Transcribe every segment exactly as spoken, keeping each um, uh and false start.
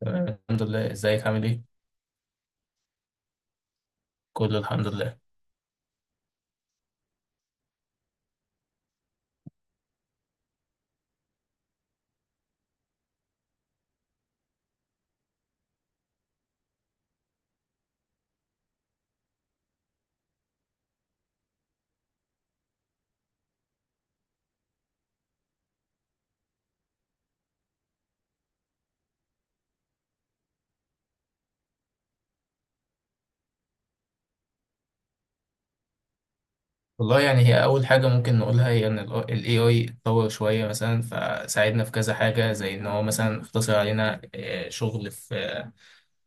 تمام. الحمد لله، ازيك عامل ايه؟ كله الحمد لله. والله يعني هي اول حاجه ممكن نقولها هي ان ال A I اتطور شويه، مثلا فساعدنا في كذا حاجه، زي ان هو مثلا اختصر علينا آه، شغل في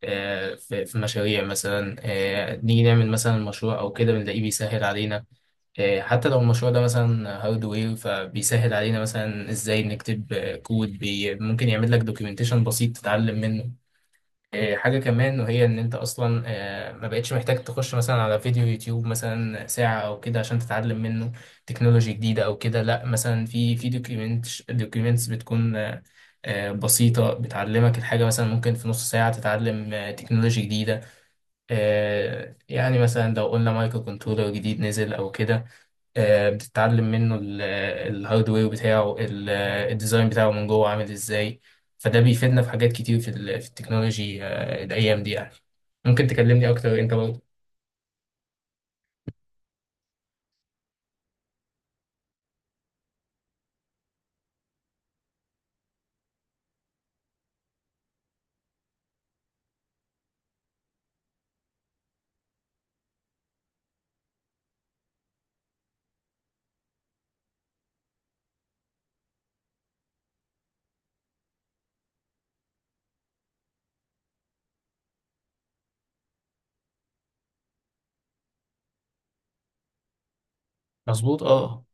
آه، في في مشاريع، مثلا آه، نيجي نعمل مثلا مشروع او كده بنلاقيه بيسهل علينا. آه، حتى لو المشروع ده مثلا هاردوير، فبيسهل علينا مثلا ازاي نكتب آه، كود بي ممكن يعمل لك دوكيومنتيشن بسيط تتعلم منه. إيه، حاجة كمان، وهي إن أنت أصلا آه، ما بقتش محتاج تخش مثلا على فيديو يوتيوب مثلا ساعة أو كده عشان تتعلم منه تكنولوجي جديدة أو كده. لأ، مثلا في في دوكيومنتس دوكيومنتس بتكون آه، آه، بسيطة، بتعلمك الحاجة مثلا ممكن في نص ساعة تتعلم آه، تكنولوجي جديدة. آه، يعني مثلا لو قلنا مايكرو كنترولر جديد نزل أو كده، آه، بتتعلم منه ال- الهاردوير بتاعه، ال- الديزاين بتاعه من جوه عامل ازاي. فده بيفيدنا في حاجات كتير في ال- في التكنولوجي آه، الايام دي يعني. ممكن تكلمني اكتر انت برضه؟ مظبوط، اه.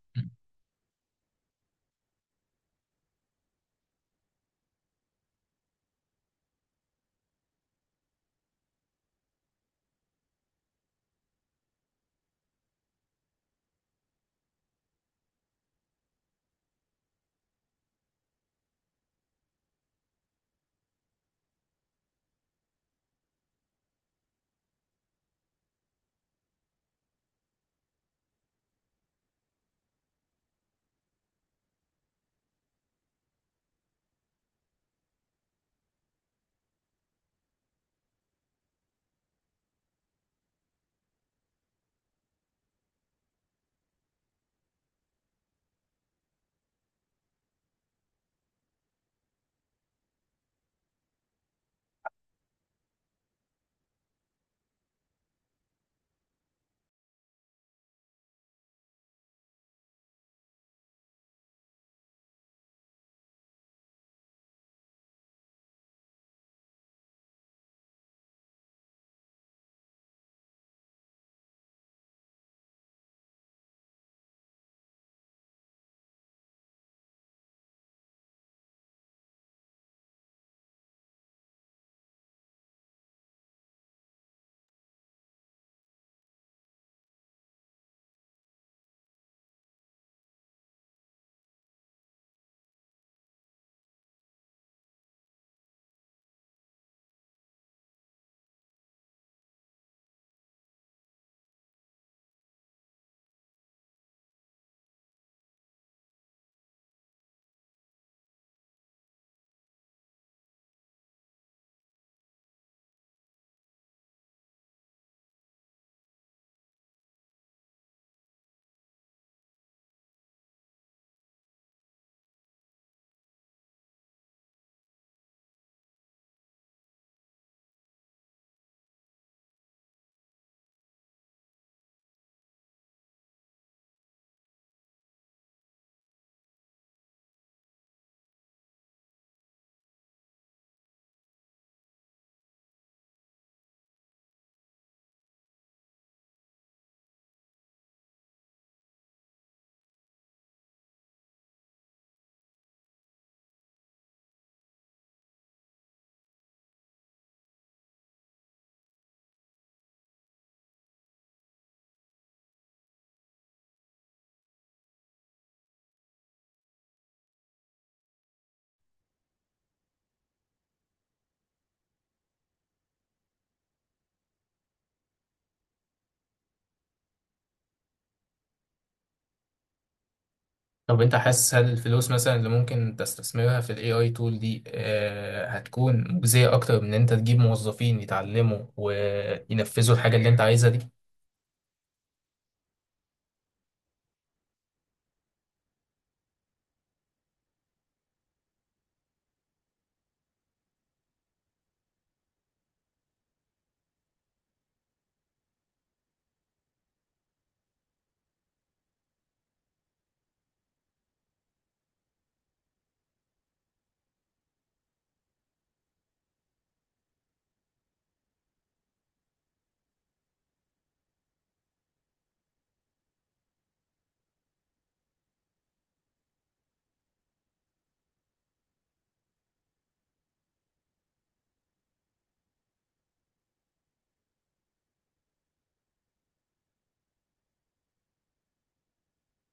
طب انت حاسس هل الفلوس مثلا اللي ممكن تستثمرها في الاي اي تول دي آه، هتكون مجزية اكتر من ان انت تجيب موظفين يتعلموا وينفذوا الحاجة اللي انت عايزها دي؟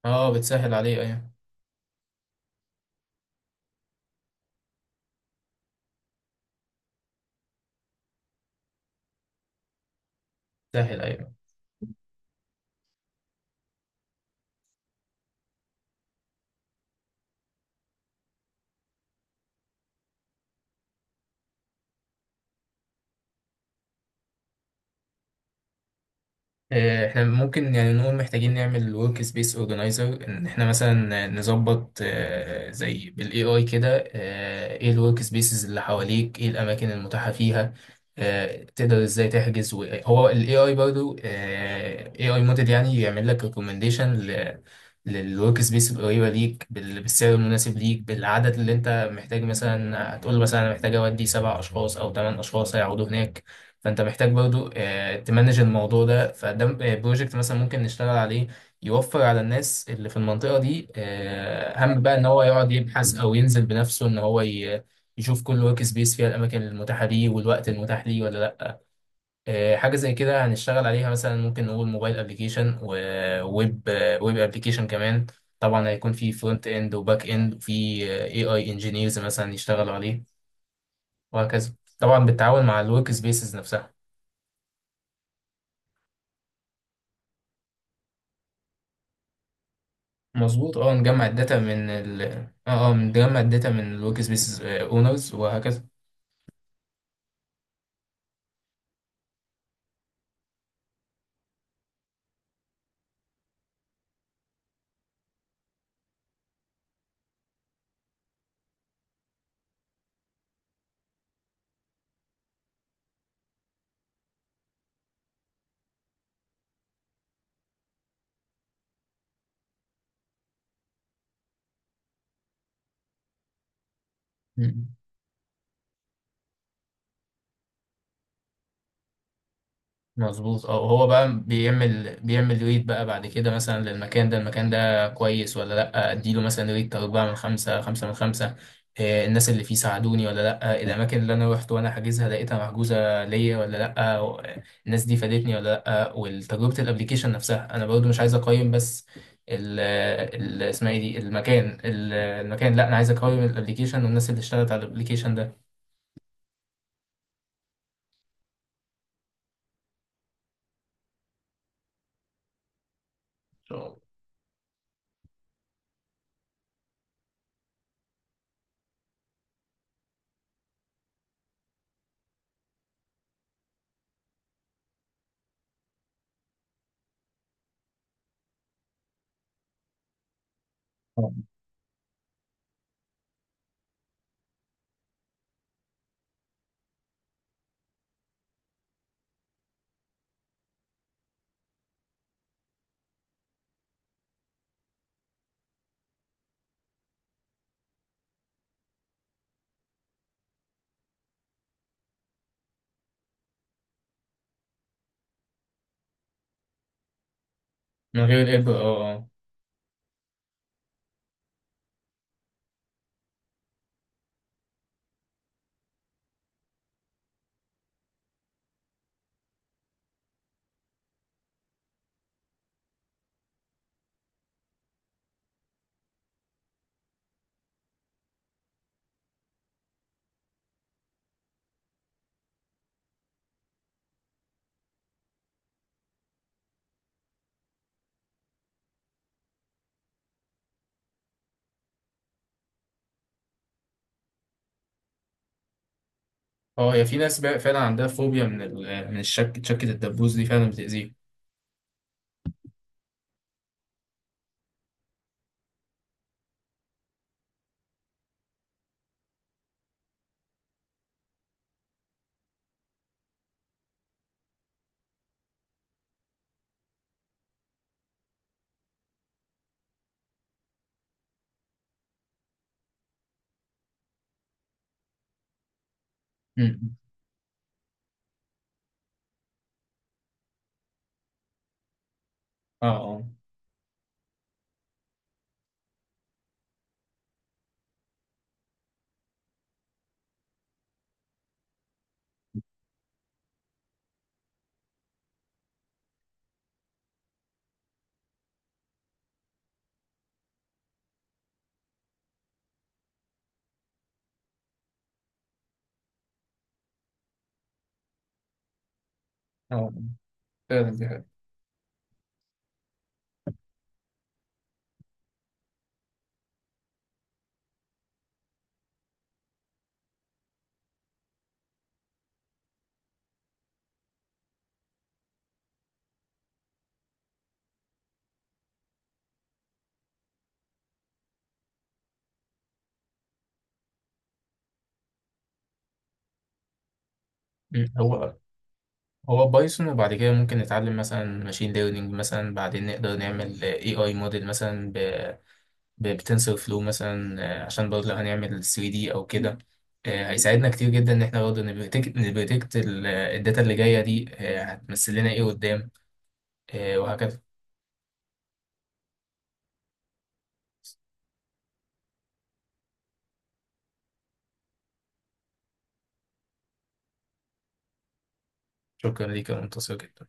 اه، بتسهل عليه، ايوه. بتسهل، ايوه. آه، احنا ممكن يعني نقول محتاجين نعمل ورك سبيس اورجانيزر، ان احنا مثلا نظبط آه، زي بالاي اي كده، آه، ايه الورك سبيسز اللي حواليك، ايه الاماكن المتاحه فيها، آه، تقدر ازاي تحجز، و- هو الاي اي برضو اي اي موديل يعني يعمل لك ريكومنديشن للورك سبيس القريبه ليك بال- بالسعر المناسب ليك، بالعدد اللي انت محتاج، مثلا هتقول له مثلا انا محتاج اودي سبع اشخاص او ثمان اشخاص هيقعدوا هناك. فانت محتاج برضو آه، تمانج الموضوع ده. فده بروجكت مثلا ممكن نشتغل عليه، يوفر على الناس اللي في المنطقة دي آه، هم بقى ان هو يقعد يبحث او ينزل بنفسه، ان هو ي- يشوف كل ورك سبيس فيها الاماكن المتاحة ليه والوقت المتاح ليه ولا لا. آه، حاجة زي كده هنشتغل عليها، مثلا ممكن نقول موبايل ابلكيشن، وويب ويب ابلكيشن كمان. طبعا هيكون في فرونت اند وباك اند، وفي اي اي انجينيرز مثلا يشتغلوا عليه، وهكذا. طبعا بالتعاون مع الورك سبيسز نفسها. مظبوط، اه. نجمع الداتا من ال اه آه، نجمع الداتا من الورك سبيس اونرز وهكذا. مم. مظبوط، اه. هو بقى بيعمل بيعمل ريت بقى بعد كده، مثلا للمكان ده، المكان ده كويس ولا لا، اديله مثلا ريت اربعة من خمسة، خمسة من خمسة. آه، الناس اللي فيه ساعدوني ولا لا، الاماكن اللي انا روحت وانا حاجزها لقيتها محجوزة ليا ولا لا، و- الناس دي فادتني ولا لا، وتجربة الابليكيشن نفسها. انا برضو مش عايز اقيم بس ال ال- اسمها ايه دي، المكان ال- المكان، لا، انا عايز اقيم الابليكيشن والناس اللي اشتغلت على الابليكيشن ده. إن شاء الله. من غير الابر، اه، آه. اه، هي في ناس بقى فعلا عندها فوبيا من ال... من الشك، شكة الدبوس دي فعلا بتأذيهم. أمم. اه، اه، اه، فعلا دي حاجة. أمم. هو هو بايثون، وبعد كده ممكن نتعلم مثلا ماشين ليرنينج، مثلا بعدين نقدر نعمل اي اي موديل مثلا ب... ب... بتنسر فلو، مثلا آه، عشان برضه لو هنعمل ثري دي او كده. آه، هيساعدنا كتير جدا ان احنا برضه نبريتكت نبريتكت ال- الداتا اللي جاية دي، آه، هتمثل لنا ايه قدام. آه، وهكذا. شكرا ليك يا منتصر جدا.